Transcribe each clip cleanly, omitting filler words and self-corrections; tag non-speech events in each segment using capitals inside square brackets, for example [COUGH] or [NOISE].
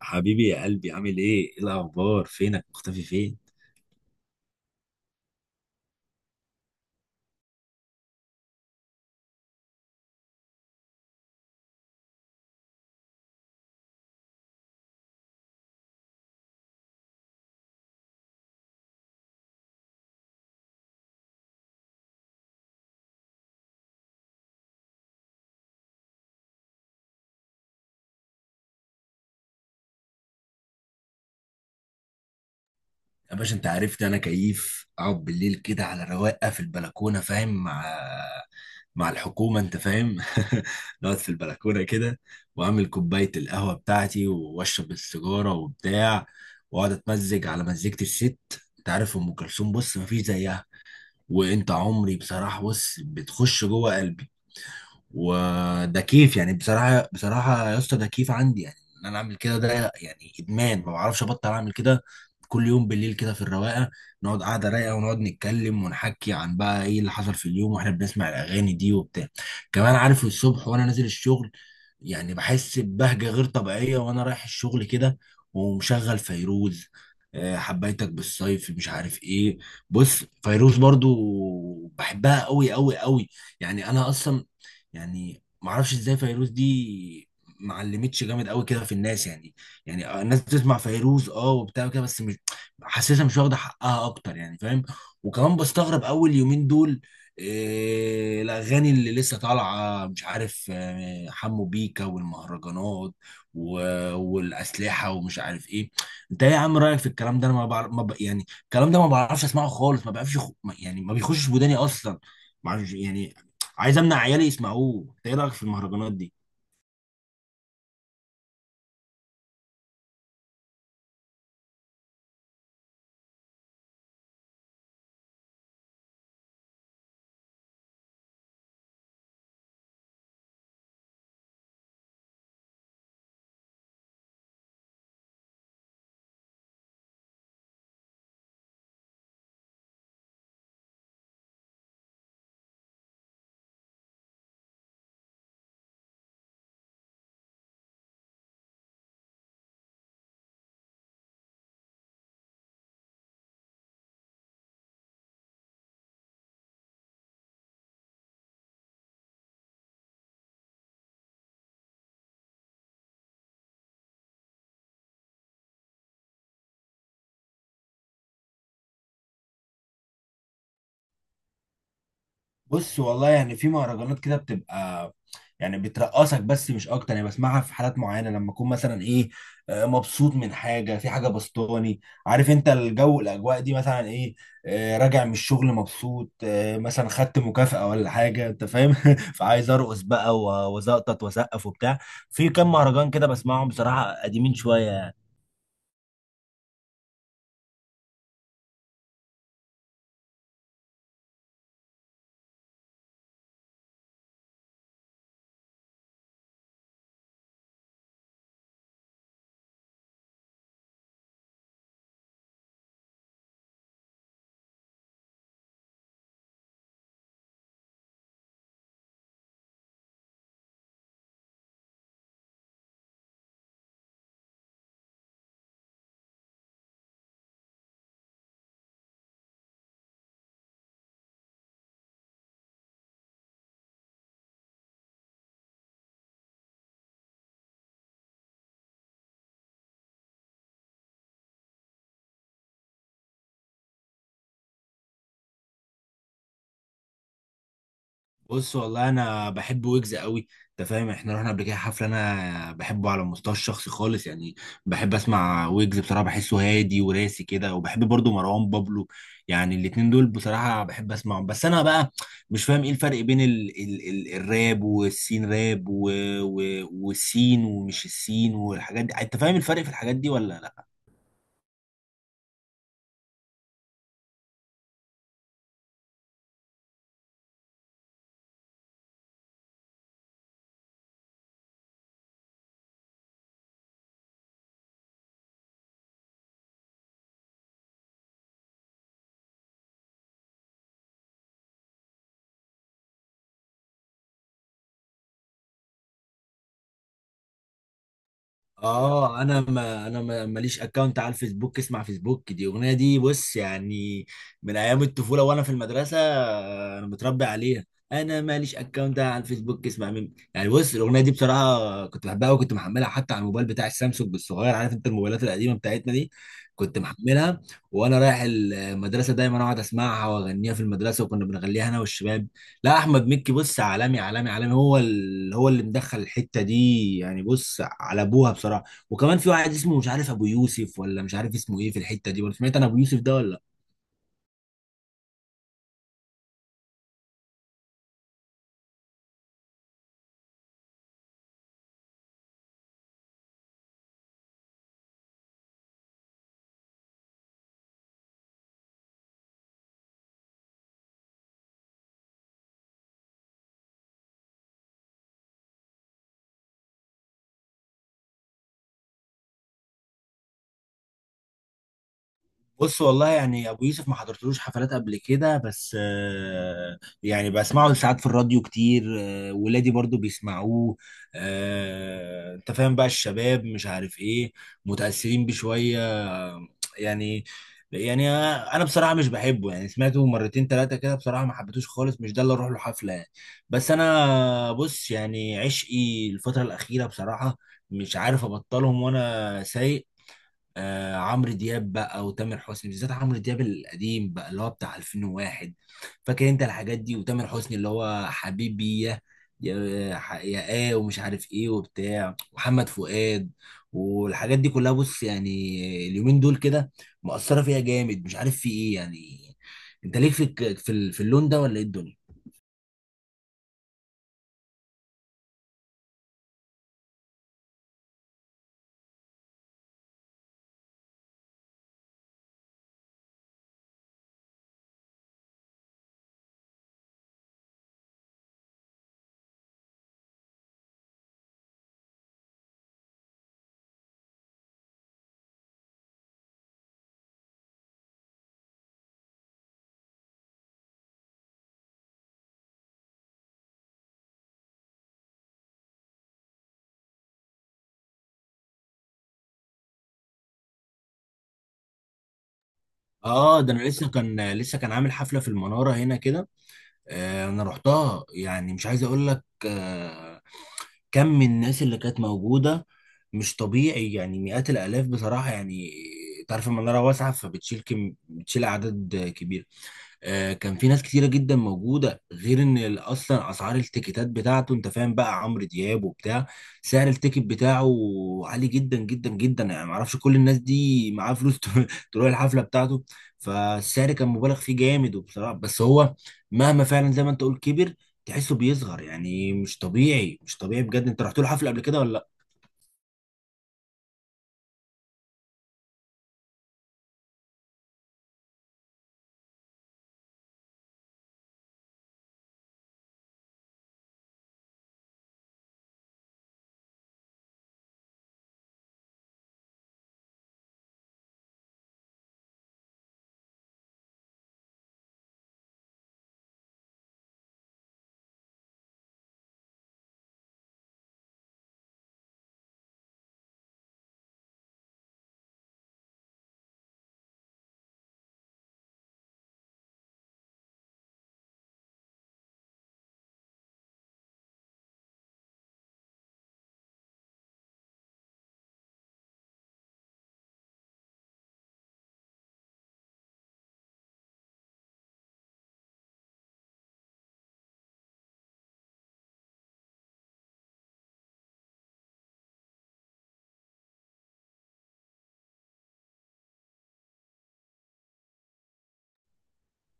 حبيبي يا قلبي عامل ايه؟ ايه الاخبار؟ فينك مختفي فين؟ يا باشا انت عرفت انا كيف اقعد بالليل كده على رواقه في البلكونه فاهم مع الحكومه انت فاهم [LAUGHS] نقعد في البلكونه كده، واعمل كوبايه القهوه بتاعتي واشرب السيجاره وبتاع، واقعد اتمزج على مزيكه الست. انت عارف ام كلثوم، بص مفيش زيها. وانت عمري بصراحه، بص بتخش جوه قلبي. وده كيف يعني، بصراحه بصراحه يا اسطى، ده كيف عندي يعني ان انا اعمل كده، ده يعني ادمان ما بعرفش ابطل اعمل كده. كل يوم بالليل كده في الرواقه، نقعد قعده رايقه ونقعد نتكلم ونحكي عن بقى ايه اللي حصل في اليوم، واحنا بنسمع الاغاني دي وبتاع. كمان عارف الصبح وانا نازل الشغل، يعني بحس ببهجه غير طبيعيه وانا رايح الشغل كده، ومشغل فيروز. حبيتك بالصيف، مش عارف ايه. بص فيروز برضو بحبها قوي قوي قوي. يعني انا اصلا يعني ما اعرفش ازاي فيروز دي ما علمتش جامد قوي كده في الناس يعني. يعني الناس بتسمع فيروز اه وبتاع كده، بس مش حاسسها مش واخده حقها اكتر، يعني فاهم. وكمان بستغرب اول يومين دول، إيه الاغاني اللي لسه طالعه، مش عارف حمو بيكا والمهرجانات والاسلحه ومش عارف ايه. انت ايه يا عم رايك في الكلام ده؟ انا ما بعرف ما ب... يعني الكلام ده ما بعرفش اسمعه خالص، ما بعرفش يعني ما بيخشش وداني اصلا، معرفش يعني. عايز امنع عيالي يسمعوه. انت ايه رايك في المهرجانات دي؟ بص والله، يعني في مهرجانات كده بتبقى يعني بترقصك، بس مش اكتر. يعني بسمعها في حالات معينه، لما اكون مثلا ايه، مبسوط من حاجه، في حاجه بسطاني. عارف انت الجو، الاجواء دي، مثلا ايه، راجع من الشغل مبسوط، مثلا خدت مكافاه ولا حاجه، انت فاهم [LAUGHS] فعايز ارقص بقى وزقطط واسقف وبتاع. في كام مهرجان كده بسمعهم بصراحه، قديمين شويه يعني. بص والله انا بحب ويجز قوي. انت فاهم احنا رحنا قبل كده حفله. انا بحبه على المستوى الشخصي خالص يعني، بحب اسمع ويجز بصراحه، بحسه هادي وراسي كده. وبحب برضو مروان بابلو. يعني الاتنين دول بصراحه بحب اسمعهم. بس انا بقى مش فاهم ايه الفرق بين ال الراب والسين راب والسين ومش السين والحاجات دي. انت فاهم الفرق في الحاجات دي ولا لا؟ اه انا ما ماليش اكونت على الفيسبوك اسمع فيسبوك دي اغنيه دي. بص يعني من ايام الطفوله وانا في المدرسه، انا متربي عليها. انا ماليش اكونت على الفيسبوك اسمع مين يعني. بص الاغنيه دي بصراحه كنت بحبها، وكنت محملها حتى على الموبايل بتاع السامسونج الصغير، عارف انت الموبايلات القديمه بتاعتنا دي، كنت محملها وانا رايح المدرسه، دايما اقعد اسمعها واغنيها في المدرسه، وكنا بنغنيها انا والشباب. لا احمد مكي بص عالمي عالمي عالمي، هو اللي مدخل الحته دي يعني، بص على ابوها بصراحه. وكمان في واحد اسمه مش عارف، ابو يوسف ولا مش عارف اسمه ايه في الحته دي، ولا سمعت انا ابو يوسف ده ولا؟ بص والله يعني ابو يوسف ما حضرتلوش حفلات قبل كده، بس يعني بسمعه ساعات في الراديو كتير، ولادي برضو بيسمعوه، انت فاهم بقى الشباب مش عارف ايه، متأثرين بشوية. آه، يعني يعني انا بصراحة مش بحبه، يعني سمعته مرتين ثلاثة كده بصراحة، ما حبيتوش خالص، مش ده اللي اروح له حفلة يعني. بس انا بص يعني عشقي الفترة الأخيرة بصراحة، مش عارف ابطلهم وانا سايق، آه عمرو دياب بقى وتامر حسني، بالذات عمرو دياب القديم بقى اللي هو بتاع 2001، فاكر انت الحاجات دي، وتامر حسني اللي هو حبيبي يا يا ايه ومش عارف ايه وبتاع، محمد فؤاد والحاجات دي كلها. بص يعني اليومين دول كده مأثرة فيها جامد، مش عارف في ايه يعني. انت ليك في في اللون ده ولا ايه الدنيا؟ اه ده انا لسه كان عامل حفلة في المنارة هنا كده، انا رحتها. يعني مش عايز اقول لك كم من الناس اللي كانت موجودة، مش طبيعي يعني، مئات الآلاف بصراحة يعني. تعرف المنارة واسعة، فبتشيل كم بتشيل أعداد كبيرة. كان في ناس كتيرة جدا موجودة، غير ان اصلا اسعار التيكيتات بتاعته، انت فاهم بقى عمرو دياب وبتاع، سعر التيكت بتاعه عالي جدا جدا جدا يعني. معرفش كل الناس دي معاه فلوس [LAUGHS] تروح الحفلة بتاعته. فالسعر كان مبالغ فيه جامد وبصراحة، بس هو مهما فعلا زي ما انت قلت كبر، تحسه بيصغر، يعني مش طبيعي مش طبيعي بجد. انت رحت له حفلة قبل كده ولا؟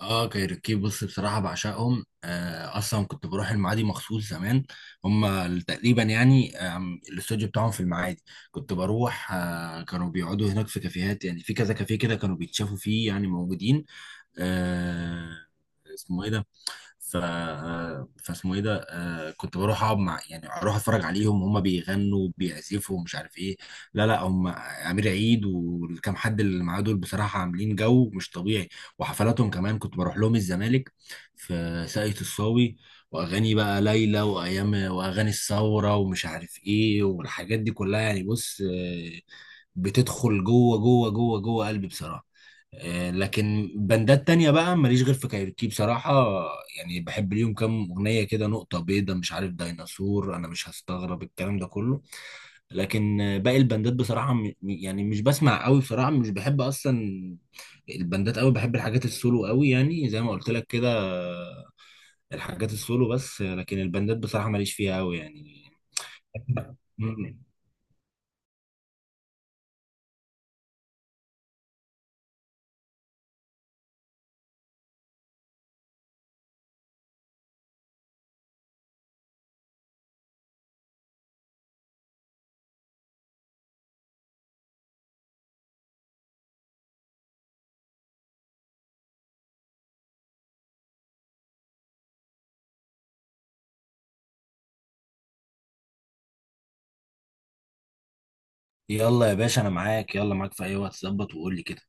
اه كايروكي بص بصراحة بعشقهم. آه اصلا كنت بروح المعادي مخصوص زمان، هم تقريبا يعني، الاستوديو بتاعهم في المعادي، كنت بروح. آه كانوا بيقعدوا هناك في كافيهات، يعني في كذا كافيه كده كانوا بيتشافوا فيه يعني موجودين. آه اسمه ايه ده، ف فاسمه ايه ده. كنت بروح اقعد مع، يعني اروح اتفرج عليهم وهم بيغنوا بيعزفوا ومش عارف ايه. لا لا، هم امير عيد والكام حد اللي معاه دول بصراحه عاملين جو مش طبيعي. وحفلاتهم كمان كنت بروح لهم الزمالك في ساقية الصاوي، واغاني بقى ليلى وايام واغاني الثوره ومش عارف ايه والحاجات دي كلها يعني. بص بتدخل جوه جوه جوه جوه قلبي بصراحه. لكن بندات تانية بقى ماليش غير في كايروكي بصراحة، يعني بحب ليهم كام أغنية كده، نقطة بيضة، مش عارف، ديناصور، أنا مش هستغرب الكلام ده كله. لكن باقي البندات بصراحة يعني مش بسمع قوي بصراحة، مش بحب أصلا البندات قوي، بحب الحاجات السولو قوي، يعني زي ما قلت لك كده، الحاجات السولو بس. لكن البندات بصراحة ماليش فيها قوي يعني. مم. يلا يا باشا أنا معاك، يلا معاك في أي وقت، ظبط وقول لي كده.